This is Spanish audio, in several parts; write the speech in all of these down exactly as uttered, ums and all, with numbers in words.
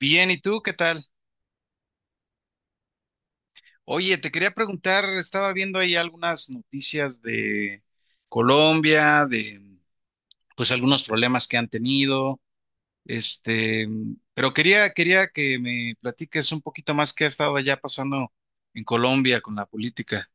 Bien, ¿y tú qué tal? Oye, te quería preguntar, estaba viendo ahí algunas noticias de Colombia, de pues algunos problemas que han tenido, este, pero quería, quería que me platiques un poquito más qué ha estado allá pasando en Colombia con la política.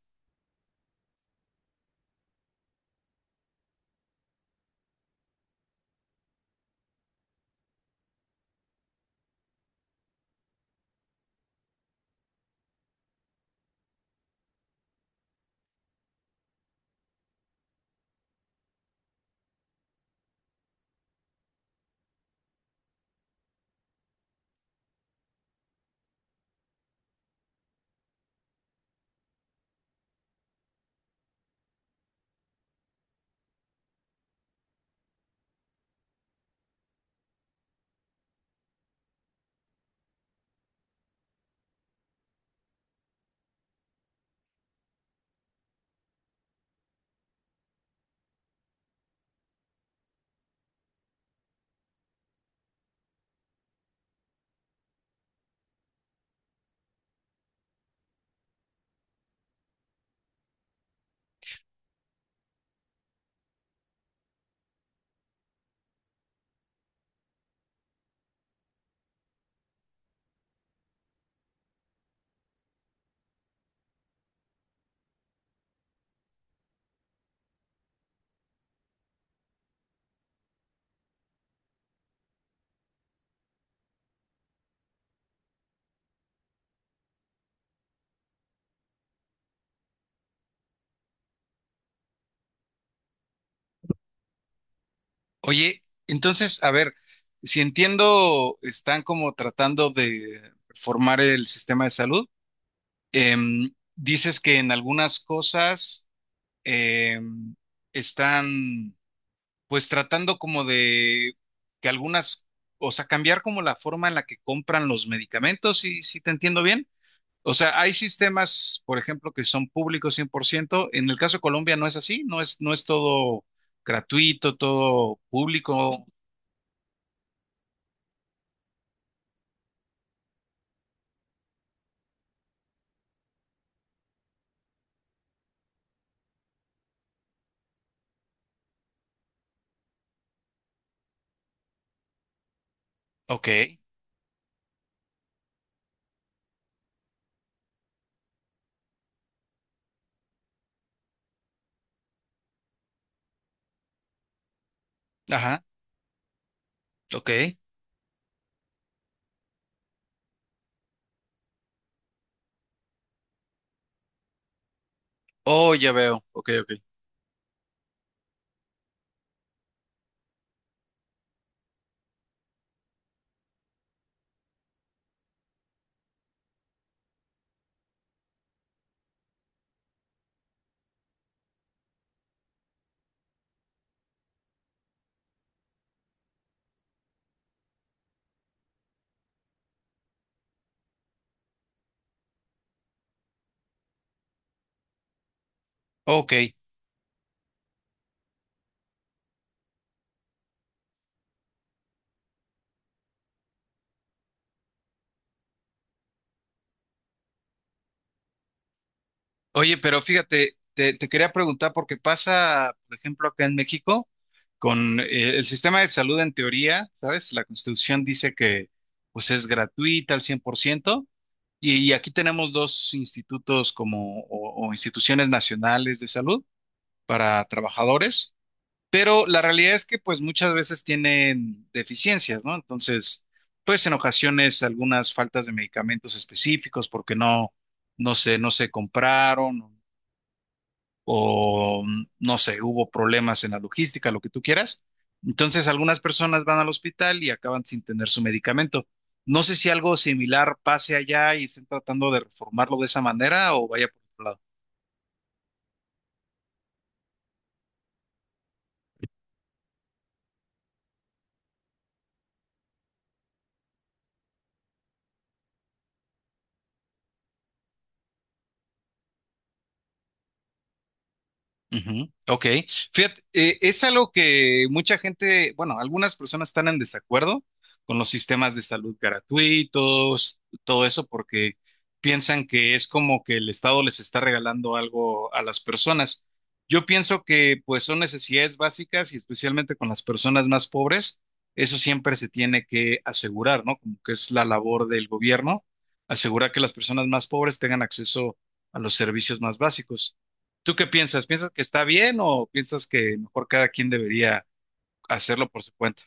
Oye, entonces, a ver, si entiendo, están como tratando de reformar el sistema de salud. Em, Dices que en algunas cosas em, están pues tratando como de que algunas, o sea, cambiar como la forma en la que compran los medicamentos, si, si te entiendo bien. O sea, hay sistemas, por ejemplo, que son públicos cien por ciento. En el caso de Colombia no es así, no es, no es todo gratuito, todo público. Ok. Ajá, ok. Oh, ya veo. Ok, ok. Ok. Oye, pero fíjate, te, te quería preguntar porque pasa, por ejemplo, acá en México, con eh, el sistema de salud en teoría, ¿sabes? La Constitución dice que pues es gratuita al cien por ciento y, y aquí tenemos dos institutos como o, o instituciones nacionales de salud para trabajadores, pero la realidad es que pues muchas veces tienen deficiencias, ¿no? Entonces, pues en ocasiones algunas faltas de medicamentos específicos porque no, no se, no se compraron o mm, no sé, hubo problemas en la logística, lo que tú quieras. Entonces, algunas personas van al hospital y acaban sin tener su medicamento. No sé si algo similar pase allá y estén tratando de reformarlo de esa manera o vaya por otro lado. Ujú. Ok, fíjate, eh, es algo que mucha gente, bueno, algunas personas están en desacuerdo con los sistemas de salud gratuitos, todo eso, porque piensan que es como que el Estado les está regalando algo a las personas. Yo pienso que pues son necesidades básicas y especialmente con las personas más pobres, eso siempre se tiene que asegurar, ¿no? Como que es la labor del gobierno, asegurar que las personas más pobres tengan acceso a los servicios más básicos. ¿Tú qué piensas? ¿Piensas que está bien o piensas que mejor cada quien debería hacerlo por su cuenta?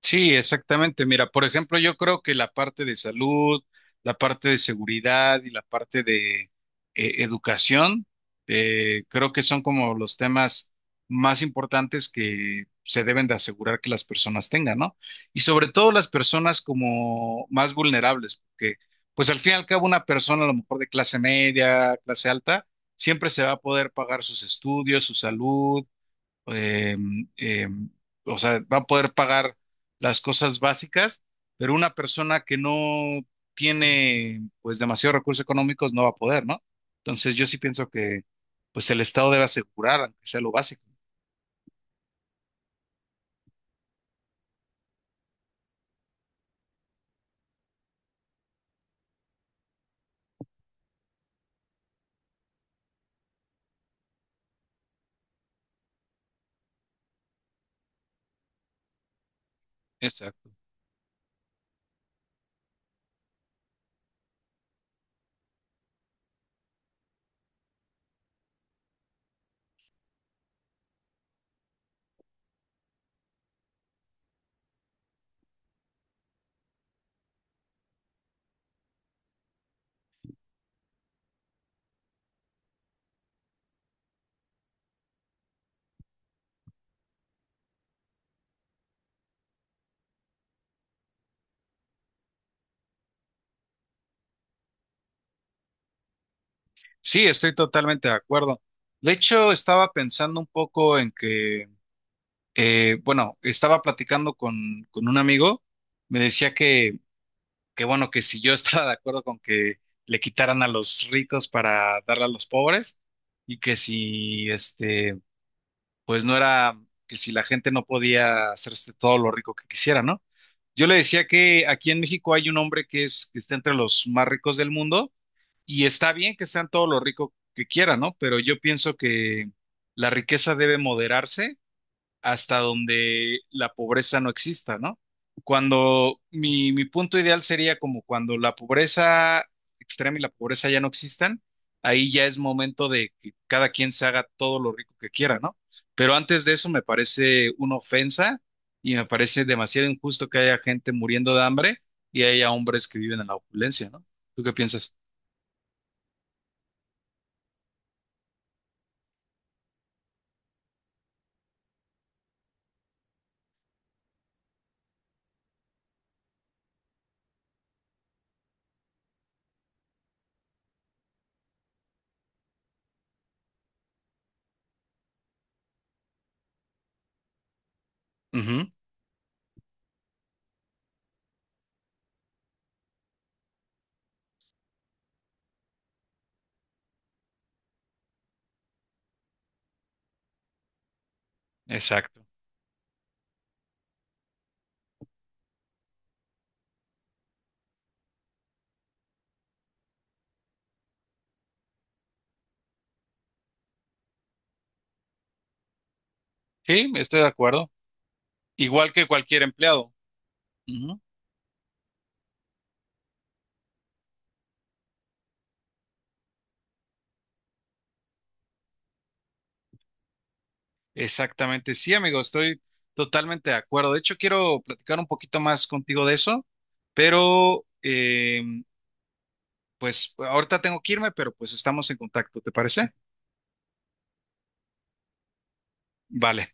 Sí, exactamente. Mira, por ejemplo, yo creo que la parte de salud, la parte de seguridad y la parte de eh, educación, eh, creo que son como los temas más importantes que se deben de asegurar que las personas tengan, ¿no? Y sobre todo las personas como más vulnerables, porque pues al fin y al cabo una persona a lo mejor de clase media, clase alta, siempre se va a poder pagar sus estudios, su salud eh, eh, o sea, va a poder pagar las cosas básicas, pero una persona que no tiene pues demasiados recursos económicos no va a poder, ¿no? Entonces yo sí pienso que pues el Estado debe asegurar, aunque sea lo básico. Exacto. Sí, estoy totalmente de acuerdo. De hecho, estaba pensando un poco en que, eh, bueno, estaba platicando con, con un amigo, me decía que que bueno, que si yo estaba de acuerdo con que le quitaran a los ricos para darle a los pobres y que si este, pues no era, que si la gente no podía hacerse todo lo rico que quisiera, ¿no? Yo le decía que aquí en México hay un hombre que es, que está entre los más ricos del mundo y está bien que sean todo lo rico que quieran, ¿no? Pero yo pienso que la riqueza debe moderarse hasta donde la pobreza no exista, ¿no? Cuando mi, mi punto ideal sería como cuando la pobreza extrema y la pobreza ya no existan, ahí ya es momento de que cada quien se haga todo lo rico que quiera, ¿no? Pero antes de eso me parece una ofensa y me parece demasiado injusto que haya gente muriendo de hambre y haya hombres que viven en la opulencia, ¿no? ¿Tú qué piensas? Ujú, exacto. Sí, estoy de acuerdo. Igual que cualquier empleado. Ujú. Exactamente, sí, amigo, estoy totalmente de acuerdo. De hecho, quiero platicar un poquito más contigo de eso, pero em, pues ahorita tengo que irme, pero pues estamos en contacto, ¿te parece? Vale.